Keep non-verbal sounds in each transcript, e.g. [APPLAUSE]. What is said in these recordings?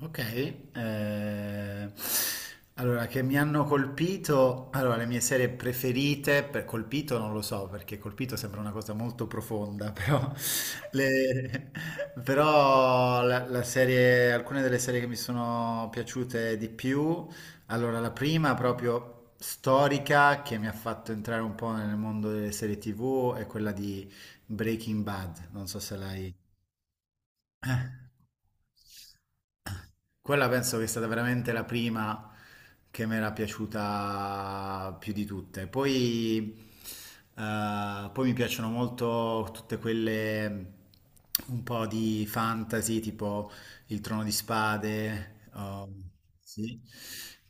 Ok, eh, allora che mi hanno colpito, allora le mie serie preferite, per colpito non lo so perché colpito sembra una cosa molto profonda, [LAUGHS] però, le- però alcune delle serie che mi sono piaciute di più, allora la prima proprio storica che mi ha fatto entrare un po' nel mondo delle serie TV è quella di Breaking Bad, non so se l'hai... Quella penso che è stata veramente la prima che mi era piaciuta più di tutte. Poi, poi mi piacciono molto tutte quelle un po' di fantasy, tipo Il Trono di Spade, oh, sì,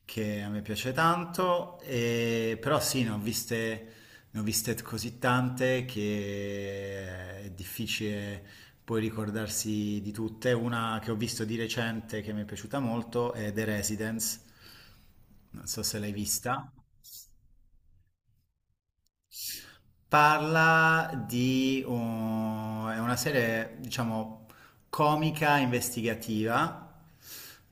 che a me piace tanto. Però sì, ne ho viste così tante che è difficile puoi ricordarsi di tutte. Una che ho visto di recente che mi è piaciuta molto è The Residence, non so se l'hai vista. Parla di è una serie, diciamo, comica investigativa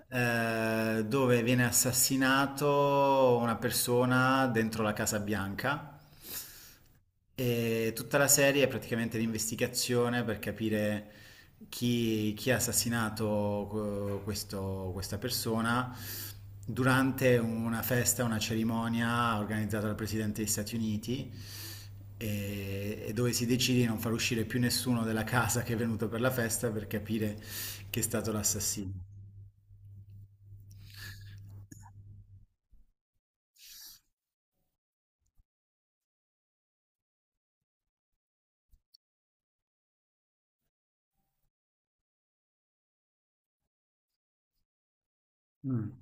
dove viene assassinato una persona dentro la Casa Bianca. E tutta la serie è praticamente l'investigazione per capire chi, chi ha assassinato questa persona durante una festa, una cerimonia organizzata dal Presidente degli Stati Uniti e dove si decide di non far uscire più nessuno della casa che è venuto per la festa per capire chi è stato l'assassino. Mm.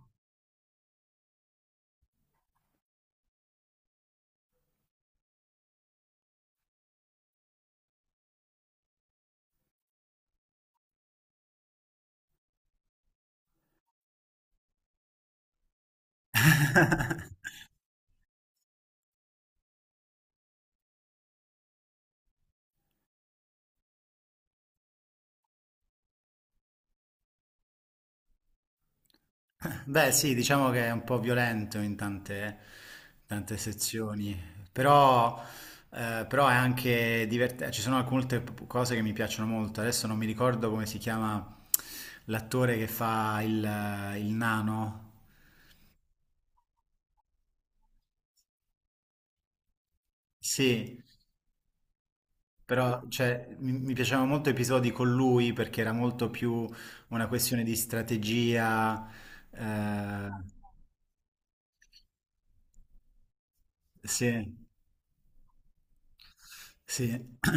Beh, sì, diciamo che è un po' violento in tante, tante sezioni, però, però è anche divertente. Ci sono alcune cose che mi piacciono molto. Adesso non mi ricordo come si chiama l'attore che fa il nano. Sì, però cioè, mi piacevano molto episodi con lui perché era molto più una questione di strategia. eh, sì, sì. [CLEARS THROAT]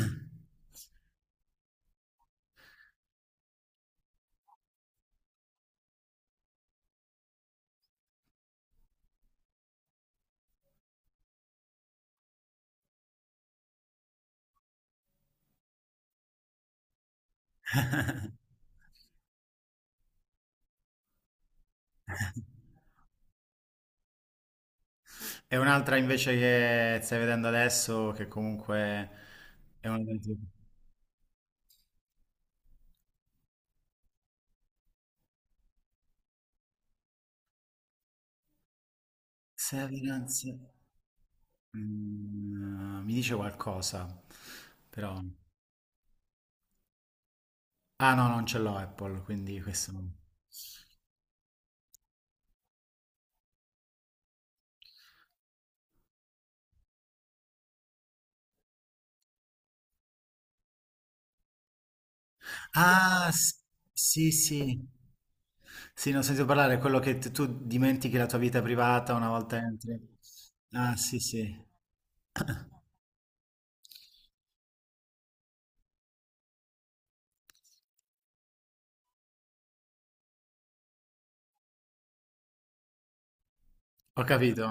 E un'altra invece che stai vedendo adesso, che comunque è una delle tue- Severance. Mm, mi dice qualcosa, però. Ah no, non ce l'ho Apple, quindi questo non. Ah, s- sì, sì. Sì, non ho sentito parlare, è quello che tu dimentichi la tua vita privata una volta entri. Ah, sì, sì. Ho capito.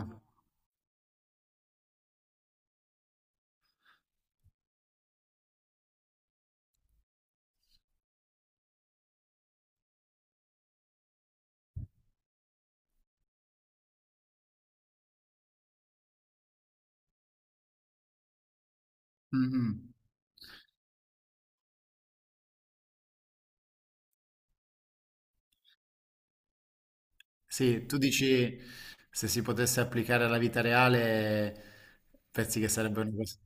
Mhm. Sì, tu dici se si potesse applicare alla vita reale, pensi che sarebbe una cosa...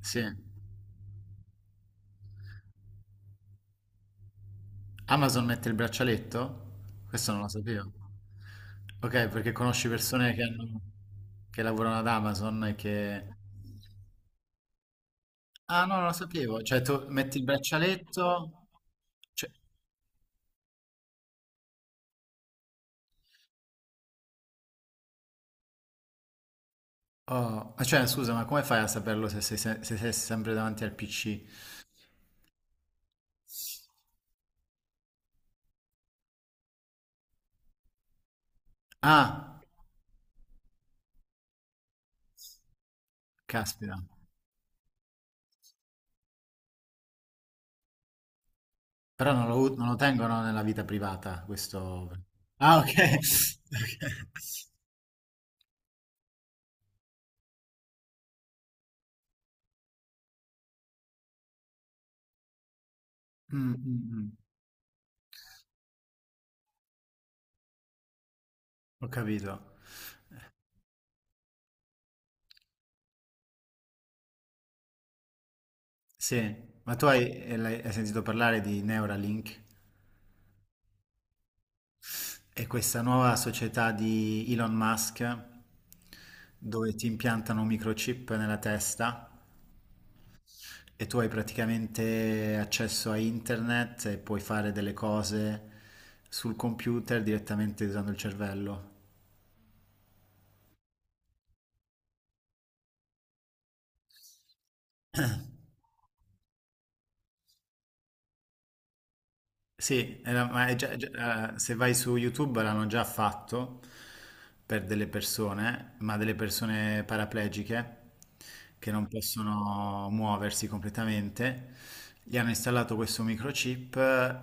Sì, Amazon mette il braccialetto? Questo non lo sapevo. Ok, perché conosci persone che hanno... che lavorano ad Amazon e che... Ah, no, non lo sapevo. Cioè, tu metti il braccialetto... Cioè, oh, ma cioè, scusa, ma come fai a saperlo se sei, se sei sempre davanti al PC? Ah, caspita. Però non lo, non lo tengono nella vita privata, questo... Ah, ok. [LAUGHS] Ok. Mm, mm, mm. Ho capito. Sì, ma tu hai, hai sentito parlare di Neuralink e questa nuova società di Elon Musk dove ti impiantano un microchip nella testa e tu hai praticamente accesso a internet e puoi fare delle cose sul computer direttamente usando il cervello. Sì, ma è se vai su YouTube l'hanno già fatto per delle persone, ma delle persone paraplegiche che non possono muoversi completamente. Gli hanno installato questo microchip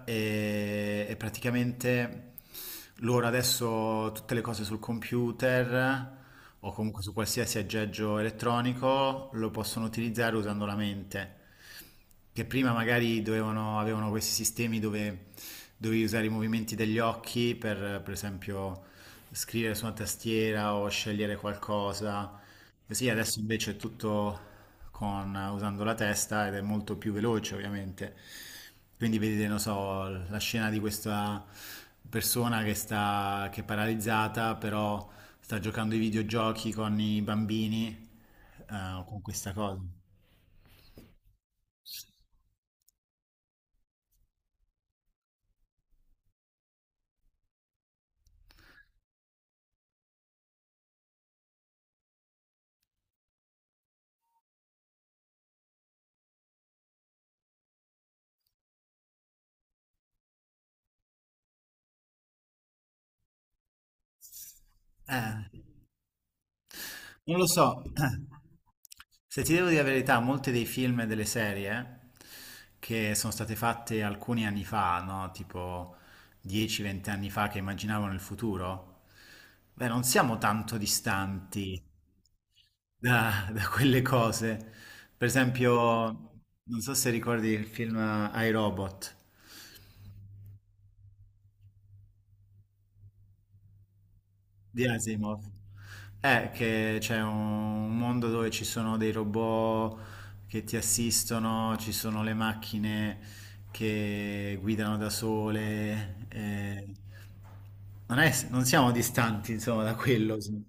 e praticamente loro adesso tutte le cose sul computer o comunque su qualsiasi aggeggio elettronico lo possono utilizzare usando la mente che prima magari dovevano, avevano questi sistemi dove dovevi usare i movimenti degli occhi per esempio, scrivere su una tastiera o scegliere qualcosa. Così adesso invece è tutto con, usando la testa ed è molto più veloce, ovviamente. Quindi vedete, non so, la scena di questa persona che sta, che è paralizzata, però sta giocando ai videogiochi con i bambini, con questa cosa. Eh, Non lo so, [CLEARS THROAT] se ti devo dire la verità, molti dei film e delle serie che sono state fatte alcuni anni fa, no? Tipo 10-20 anni fa, che immaginavano il futuro, beh, non siamo tanto distanti da, da quelle cose. Per esempio, non so se ricordi il film I Robot. Di Asimov. È che c'è un mondo dove ci sono dei robot che ti assistono, ci sono le macchine che guidano da sole. Non siamo distanti, insomma, da quello. Sì,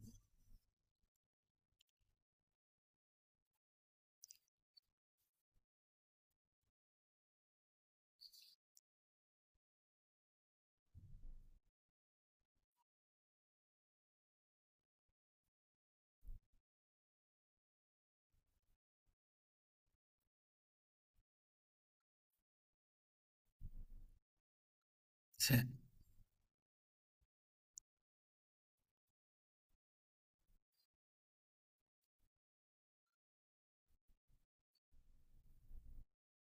sì.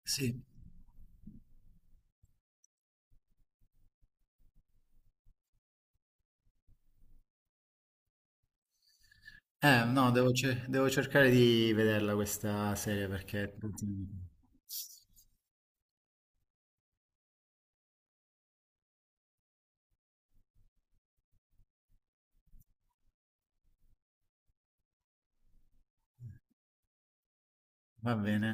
Sì. No, devo, devo cercare di vederla questa serie perché... Va bene.